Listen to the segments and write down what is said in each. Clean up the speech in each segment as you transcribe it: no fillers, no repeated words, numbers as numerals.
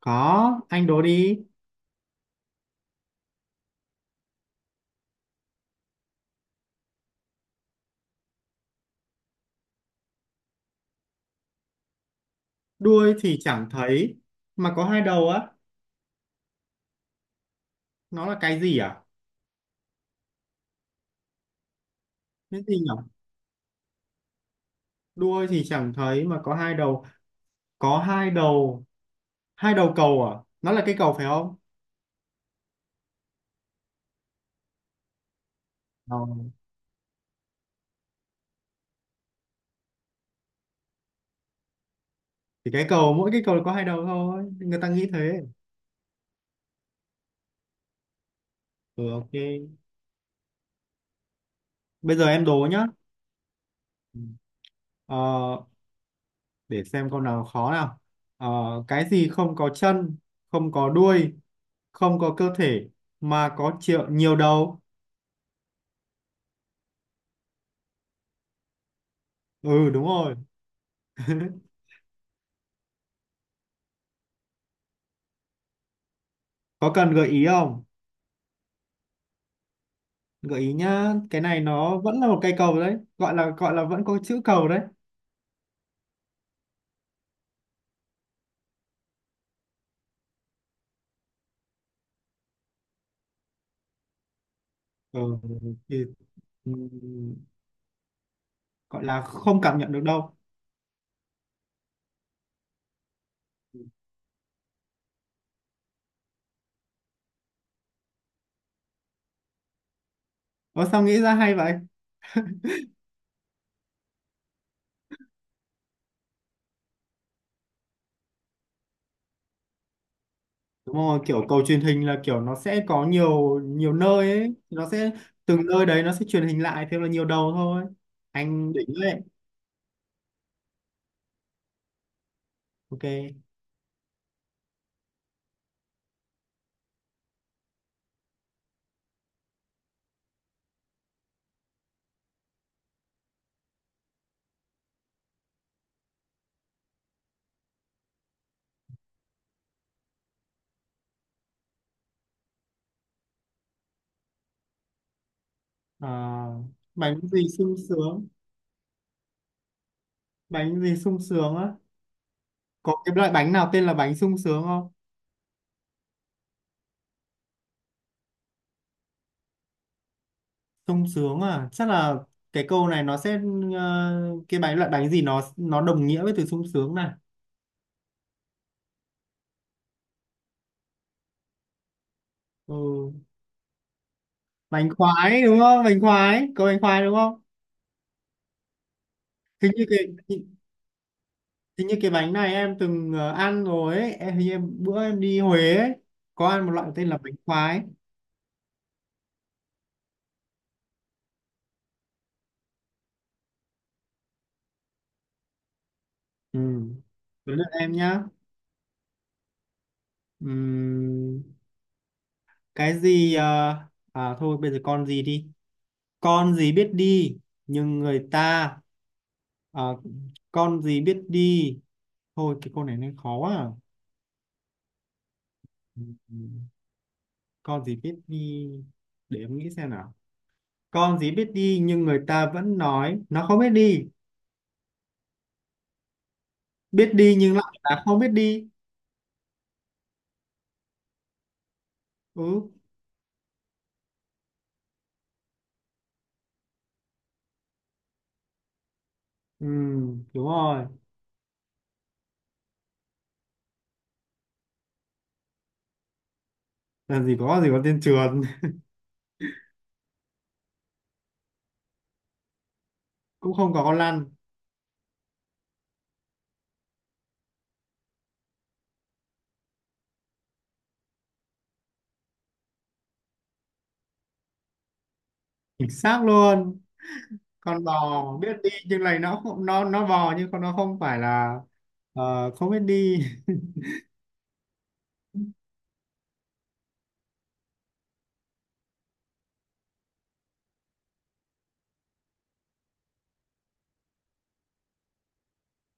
Có, anh đố đi. Đuôi thì chẳng thấy mà có hai đầu á. Nó là cái gì à? Cái gì nhỉ? Đuôi thì chẳng thấy mà có hai đầu. Có hai đầu. Hai đầu cầu à? Nó là cái cầu phải không? Ờ. Thì cái cầu, mỗi cái cầu có hai đầu thôi. Người ta nghĩ thế. Ừ, ok. Bây giờ em đố nhá. Ừ. Ờ, để xem câu nào khó nào. Ờ, cái gì không có chân, không có đuôi, không có cơ thể mà có triệu nhiều đầu? Ừ, đúng rồi. Có cần gợi ý không? Gợi ý nhá, cái này nó vẫn là một cây cầu đấy, gọi là vẫn có chữ cầu đấy. Ừ, thì ừm, gọi là không cảm nhận được đâu. Ủa sao nghĩ ra hay vậy? Đúng rồi, kiểu cầu truyền hình là kiểu nó sẽ có nhiều nhiều nơi ấy, nó sẽ từng nơi đấy nó sẽ truyền hình lại, thêm là nhiều đầu thôi. Anh đỉnh đấy. Ok. Ờ, Bánh gì sung sướng, bánh gì sung sướng á? Có cái loại bánh nào tên là bánh sung sướng không? Sung sướng à, chắc là cái câu này nó sẽ, ờ, cái bánh loại bánh gì nó đồng nghĩa với từ sung sướng này. Ừ. Bánh khoái đúng không? Bánh khoái, có bánh khoái đúng không? hình như cái hình, Hình như cái bánh này em từng ăn rồi ấy em, hình như em bữa em đi Huế ấy, có ăn một loại tên là bánh khoái. Ừ. Đến lượt em nhá. Ừm, cái gì à thôi bây giờ con gì đi. Con gì biết đi nhưng người ta, ờ, con gì biết đi. Thôi cái câu này nên khó à. Ừ, ừ. Con gì biết đi. Để em nghĩ xem nào. Con gì biết đi nhưng người ta vẫn nói nó không biết đi. Biết đi nhưng lại là không biết đi. Ừ. Ừ, đúng rồi. Làm gì có con gì có tên trườn. Cũng không có con lăn. Chính xác luôn. Con bò biết đi nhưng này nó bò, nhưng con nó không phải là, không biết đi.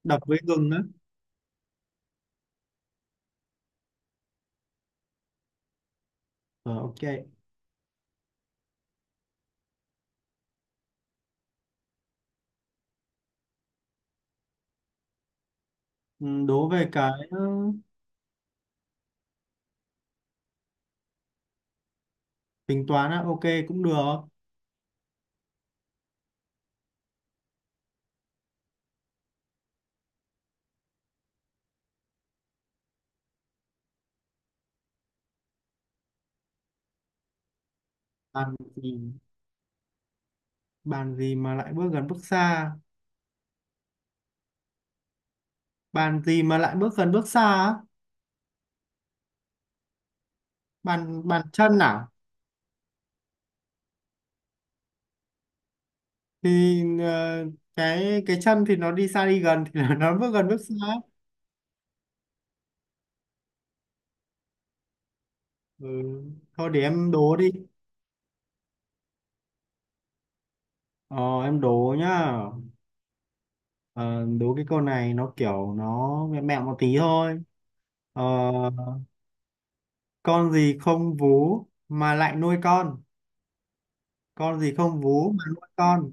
Đập với gừng á. Ờ, ok. Ừ, đố về cái, tính toán á, ok cũng được. Làm gì, bàn gì mà lại bước gần bước xa, bàn gì mà lại bước gần bước xa á? Bàn bàn chân à? Thì cái chân thì nó đi xa đi gần thì là nó bước gần bước xa. Ừ. Thôi để em đố đi. ờ, em đố nhá. Ờ, Đố cái câu này nó kiểu nó mẹo mẹo một tí thôi. ờ, con gì không vú mà lại nuôi con? Con gì không vú mà nuôi con,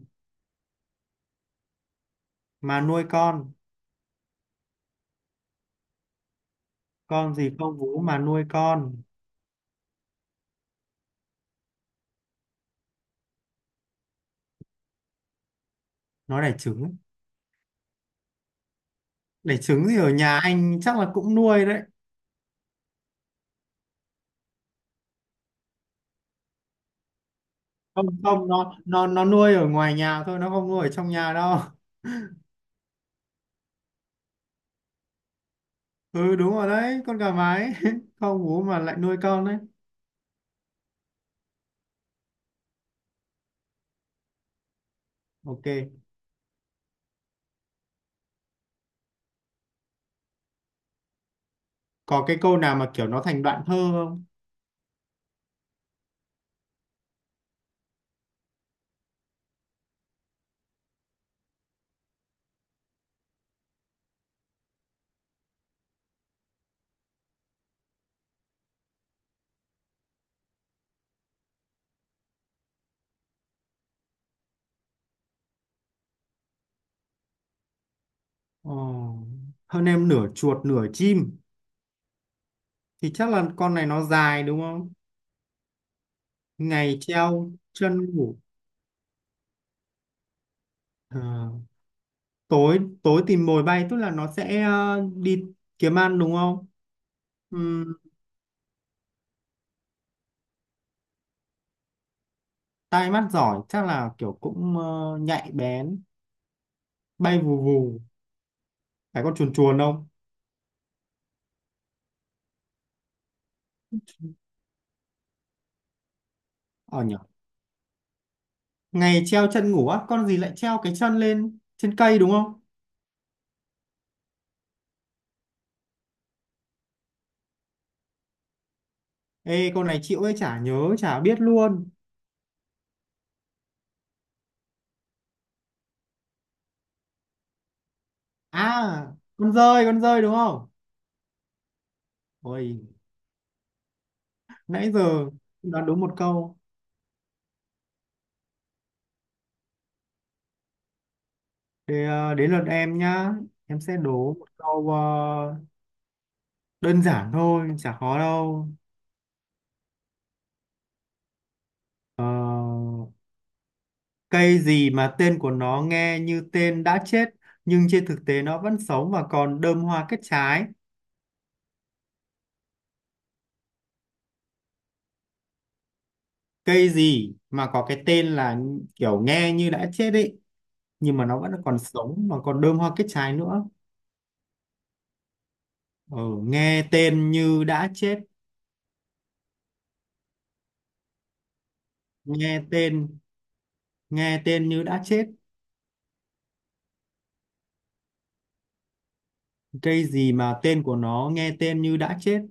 mà nuôi con gì không vú mà nuôi con? Nó đẻ trứng. Đẻ trứng thì ở nhà anh chắc là cũng nuôi đấy. Không không, nó nuôi ở ngoài nhà thôi, nó không nuôi ở trong nhà đâu. Ừ đúng rồi đấy, con gà mái. Không bố mà lại nuôi con đấy. Ok. Có cái câu nào mà kiểu nó thành đoạn thơ không? ờ, Hơn em nửa chuột nửa chim thì chắc là con này nó dài đúng không? Ngày treo chân ngủ. Ờ, tối tối tìm mồi bay tức là nó sẽ, đi kiếm ăn đúng không? Tai mắt giỏi chắc là kiểu cũng, nhạy bén. Bay vù vù. Phải con chuồn chuồn không? Ờ nhỉ. Ngày treo chân ngủ á, con gì lại treo cái chân lên trên cây đúng không? Ê con này chịu ấy, chả nhớ chả biết luôn. À, con dơi, con dơi đúng không? Ôi, nãy giờ đoán đúng một câu thì, đến lượt em nhá. Em sẽ đố một câu, đơn giản thôi, chả khó đâu. Ờ, cây gì mà tên của nó nghe như tên đã chết nhưng trên thực tế nó vẫn sống và còn đơm hoa kết trái. Cây gì mà có cái tên là kiểu nghe như đã chết ấy nhưng mà nó vẫn còn sống mà còn đơm hoa kết trái nữa. Ừ, nghe tên như đã chết, nghe tên, nghe tên như đã chết. Cây gì mà tên của nó nghe tên như đã chết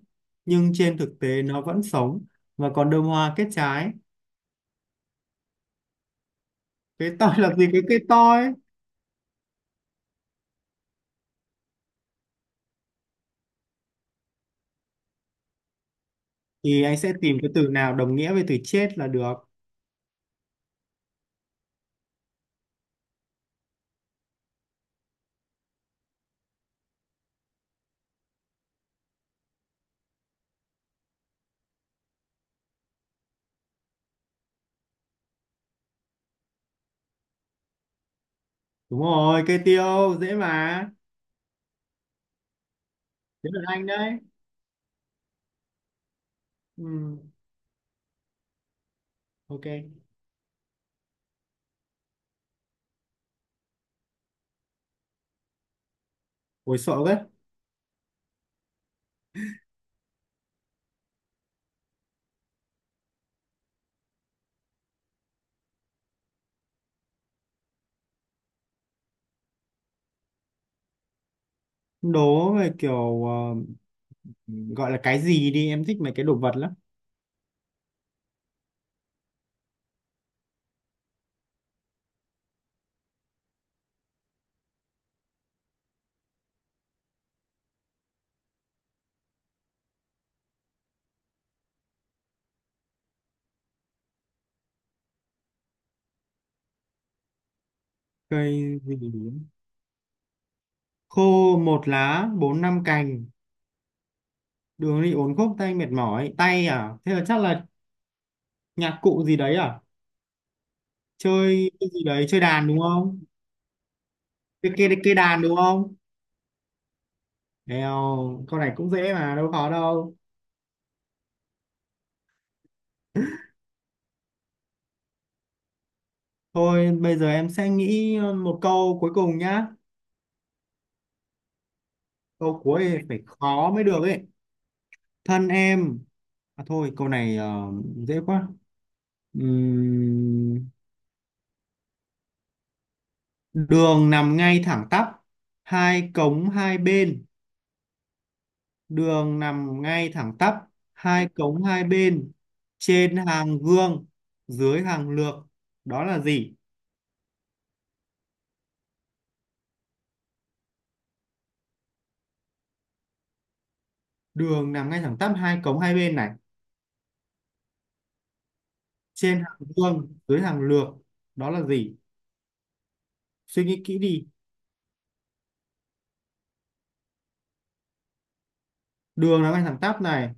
nhưng trên thực tế nó vẫn sống và còn đơm hoa kết trái. Cái toi là gì, cái cây toi? Thì anh sẽ tìm cái từ nào đồng nghĩa với từ chết là được. Đúng rồi, cây tiêu dễ mà. Dễ lượt anh đấy. Ừ, ok. Ôi sợ đấy. Đố về kiểu, gọi là cái gì đi, em thích mấy cái đồ vật lắm. Cây gì khô một lá bốn năm cành, đường đi uốn khúc tay mệt mỏi tay à, thế là chắc là nhạc cụ gì đấy à? Chơi cái gì đấy, chơi đàn đúng không? Cái cây cây đàn đúng không? Đèo, câu này cũng dễ mà đâu khó đâu. Thôi bây giờ em sẽ nghĩ một câu cuối cùng nhá. Câu cuối thì phải khó mới được ấy. Thân em. À thôi câu này, dễ quá. Ừm, Đường nằm ngay thẳng tắp. Hai cống hai bên. Đường nằm ngay thẳng tắp. Hai cống hai bên. Trên hàng gương. Dưới hàng lược. Đó là gì? Đường nằm ngay thẳng tắp. Hai cống hai bên này. Trên hàng gương. Dưới hàng lược. Đó là gì? Suy nghĩ kỹ đi. Đường nó ngay thẳng tắp này,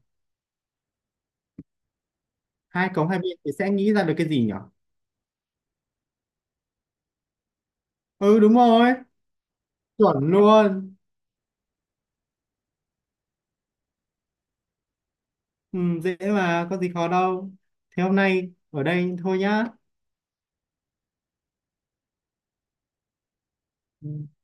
hai cống hai bên thì sẽ nghĩ ra được cái gì nhỉ? Ừ đúng rồi, chuẩn luôn. Ừ, dễ mà có gì khó đâu. Thế hôm nay ở đây thôi nhá. Ừ.